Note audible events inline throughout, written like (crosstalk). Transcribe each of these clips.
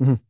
Mhm.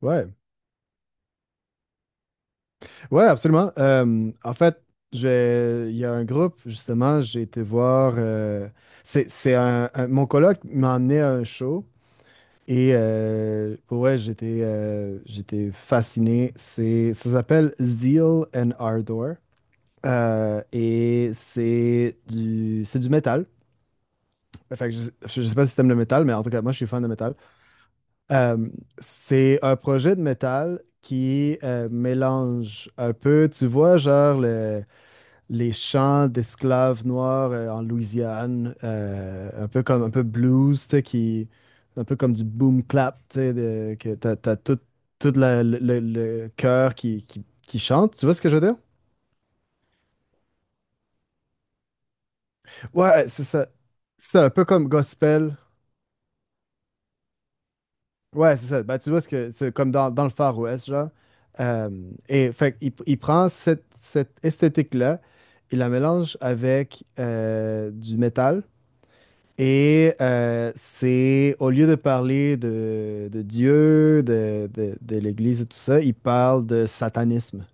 Ouais, ouais, absolument. En fait, il y a un groupe, justement, j'ai été voir. Mon coloc m'a emmené à un show et pour vrai, j'étais fasciné. Ça s'appelle Zeal and Ardor. Et c'est du métal. Fait que je sais pas si t'aimes le métal, mais en tout cas, moi, je suis fan de métal. Euh, c'est un projet de métal qui mélange un peu, tu vois, les chants d'esclaves noirs en Louisiane, un peu comme un peu blues, tu sais, un peu comme du boom clap, tu sais, que t'as tout le chœur qui chante, tu vois ce que je veux dire? Ouais, c'est ça. C'est un peu comme gospel. Ouais, c'est ça. Bah, tu vois, ce que c'est comme dans, le Far West, genre. Euh, et fait, il prend cette esthétique-là, il la mélange avec du métal. Et au lieu de parler de Dieu, de l'Église et tout ça, il parle de satanisme.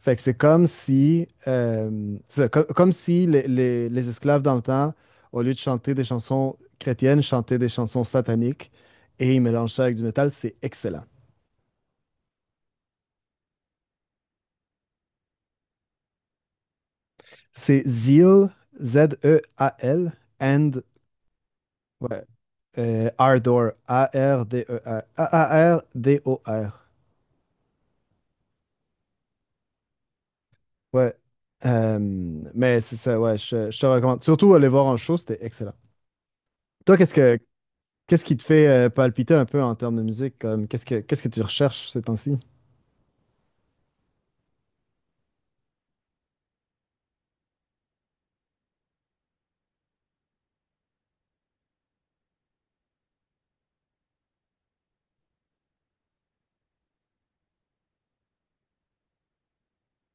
Fait que c'est comme si, comme si les, les esclaves dans le temps, au lieu de chanter des chansons chrétiennes, chantaient des chansons sataniques et ils mélangent ça avec du métal. C'est excellent. C'est Zeal, Zeal, and ouais, Ardor, A-R-D-E-R, r d E R, A R D o r. Ouais. Euh, mais c'est ça, ouais, je te recommande. Surtout aller voir en show, c'était excellent. Toi, qu'est-ce qui te fait palpiter un peu en termes de musique? Comme, qu'est-ce que tu recherches ces temps-ci?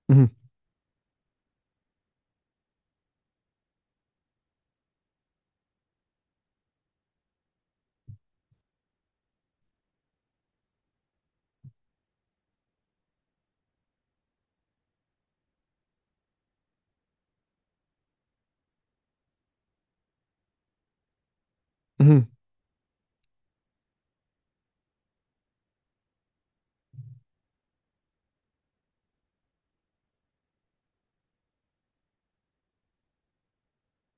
Mhm, mhm.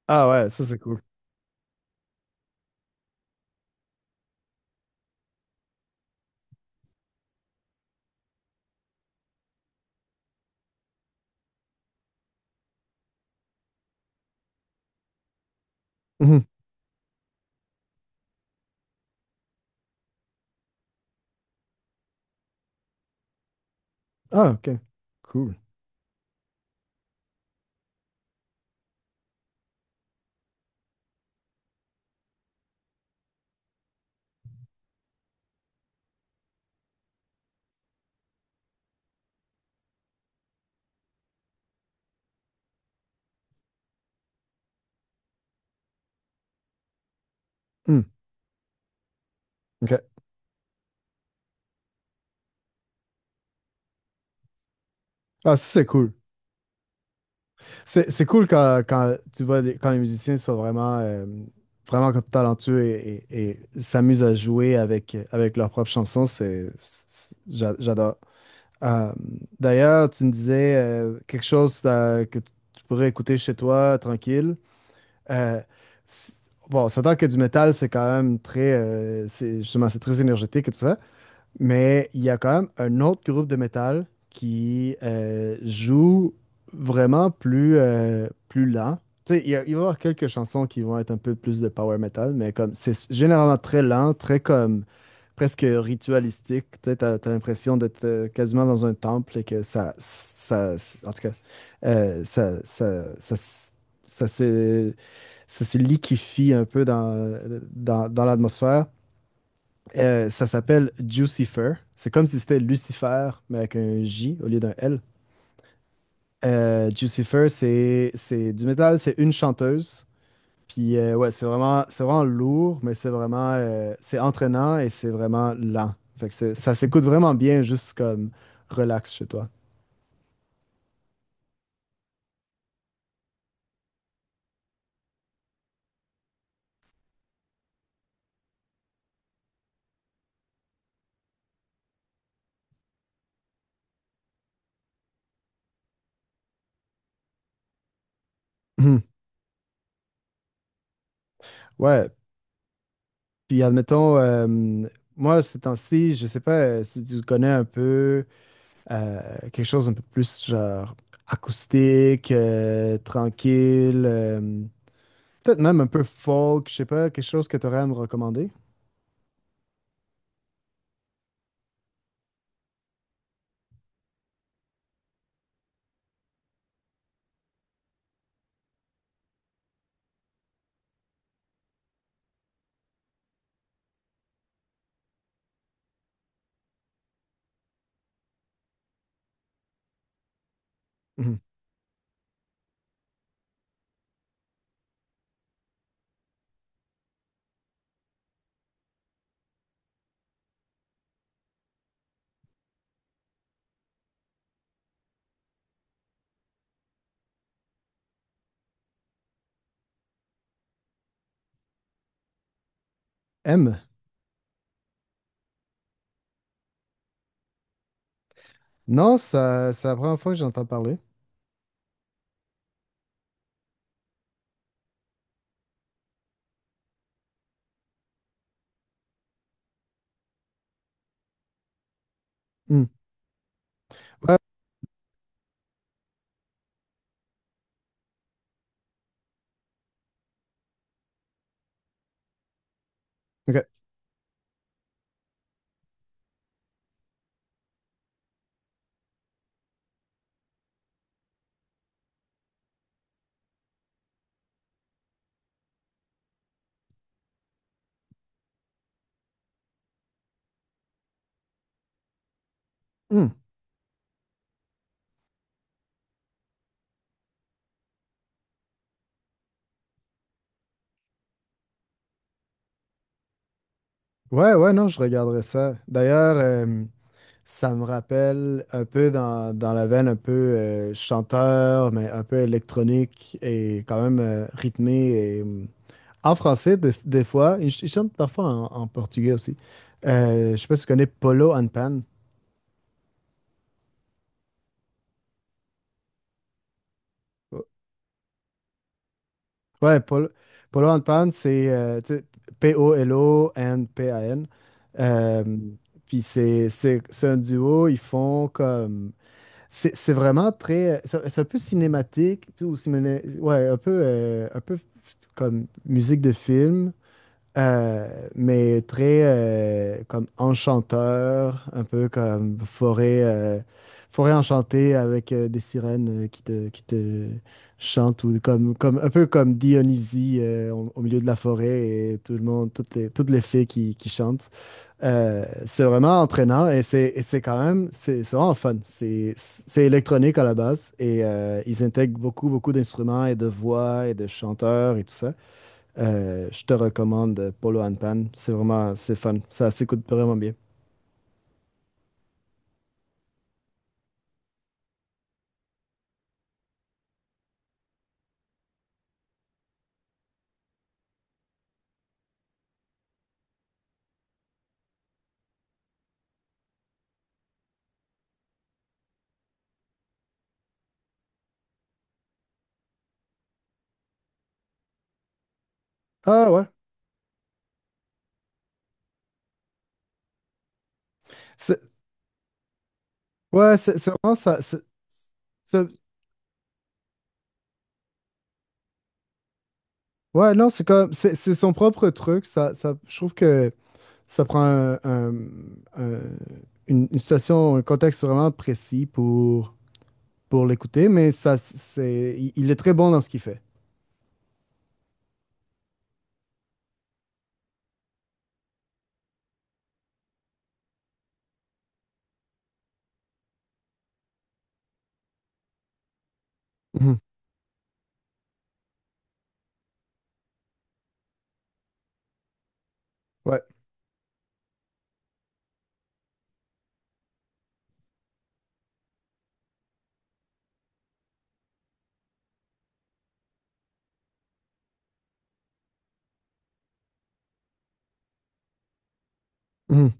Ah ouais, ça c'est cool. Mhm. Ah, ok. Cool. Hmm, ok. Ah, ça c'est cool. C'est cool quand, tu vois quand les musiciens sont vraiment talentueux et s'amusent à jouer avec leurs propres chansons. J'adore. Euh, D'ailleurs, tu me disais quelque chose que tu pourrais écouter chez toi, tranquille. Euh, c- bon, on s'entend que du métal, c'est quand même c'est justement, c'est très énergétique et tout ça, mais il y a quand même un autre groupe de métal qui joue vraiment plus lent. Tu sais, il va y avoir quelques chansons qui vont être un peu plus de power metal, mais comme c'est généralement très lent, très comme presque ritualistique. Tu sais, t'as l'impression d'être quasiment dans un temple et que ça, en tout cas, euh, ça, ça, ça, ça, se- ça se liquéfie un peu dans, dans l'atmosphère. Ça s'appelle Jucifer. C'est comme si c'était Lucifer, mais avec un J au lieu d'un L. Jucifer, c'est du métal, c'est une chanteuse. Puis ouais, c'est vraiment lourd, mais c'est entraînant et c'est vraiment lent. Fait que ça s'écoute vraiment bien, juste comme relax chez toi. (clears throat) Ouais, puis admettons, moi, ces temps-ci, je sais pas si tu connais un peu Euh, quelque chose un peu plus genre acoustique, tranquille, peut-être même un peu folk, je sais pas, quelque chose que tu aurais à me recommander. Mhm. M. Non, ça, c'est la première fois que j'entends parler. Hmm. Ouais, ok. Hmm. Ouais, ouais, non, je regarderai ça. D'ailleurs, ça me rappelle un peu dans, la veine un peu chanteur, mais un peu électronique et quand même rythmé en français, des fois, ils chantent parfois en portugais aussi. Je sais pas si tu connais Polo and Pan. Ouais, Polo and Pan, c'est tu sais, Polo and Pan. Euh, Puis c'est un duo, ils font comme. C'est vraiment très. C'est un peu cinématique, puis ouais, un peu comme musique de film. Mais très comme enchanteur, un peu comme forêt, forêt enchantée avec des sirènes qui te chantent, ou comme, un peu comme Dionysie au, au milieu de la forêt et tout le monde, toutes les fées qui chantent. C'est vraiment entraînant et c'est quand même, c'est vraiment fun. C'est électronique à la base et ils intègrent beaucoup, beaucoup d'instruments et de voix et de chanteurs et tout ça. Je te recommande Polo and Pan. C'est fun. Ça s'écoute vraiment bien. Ah ouais. C'est, ouais, c'est vraiment ça. Ça- Ouais, non, c'est son propre truc. Ça, je trouve que ça prend un- une situation, un contexte vraiment précis pour l'écouter, mais il est très bon dans ce qu'il fait. Mhm. Ouais. Mhm.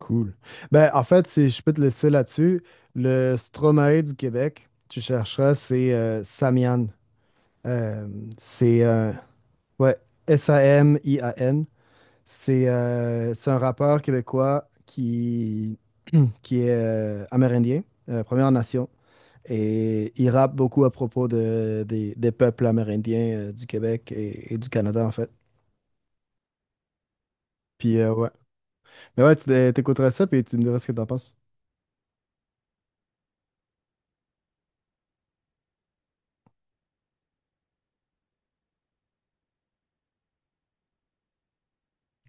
Cool. Ben, en fait, si je peux te laisser là-dessus, le Stromae du Québec, tu chercheras, c'est Samian. Euh, c'est ouais, Samian. C'est un rappeur québécois qui est amérindien, Première Nation. Et il rappe beaucoup à propos des peuples amérindiens du Québec et du Canada, en fait. Puis ouais. Mais ouais, tu t'écouterais ça, puis tu me diras ce que t'en penses.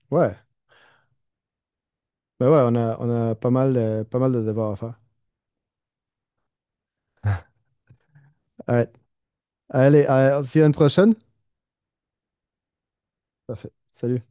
Ouais. Ben ouais, on a pas mal de devoirs à faire. Alright. Allez, on se dit à une prochaine. Parfait. Salut.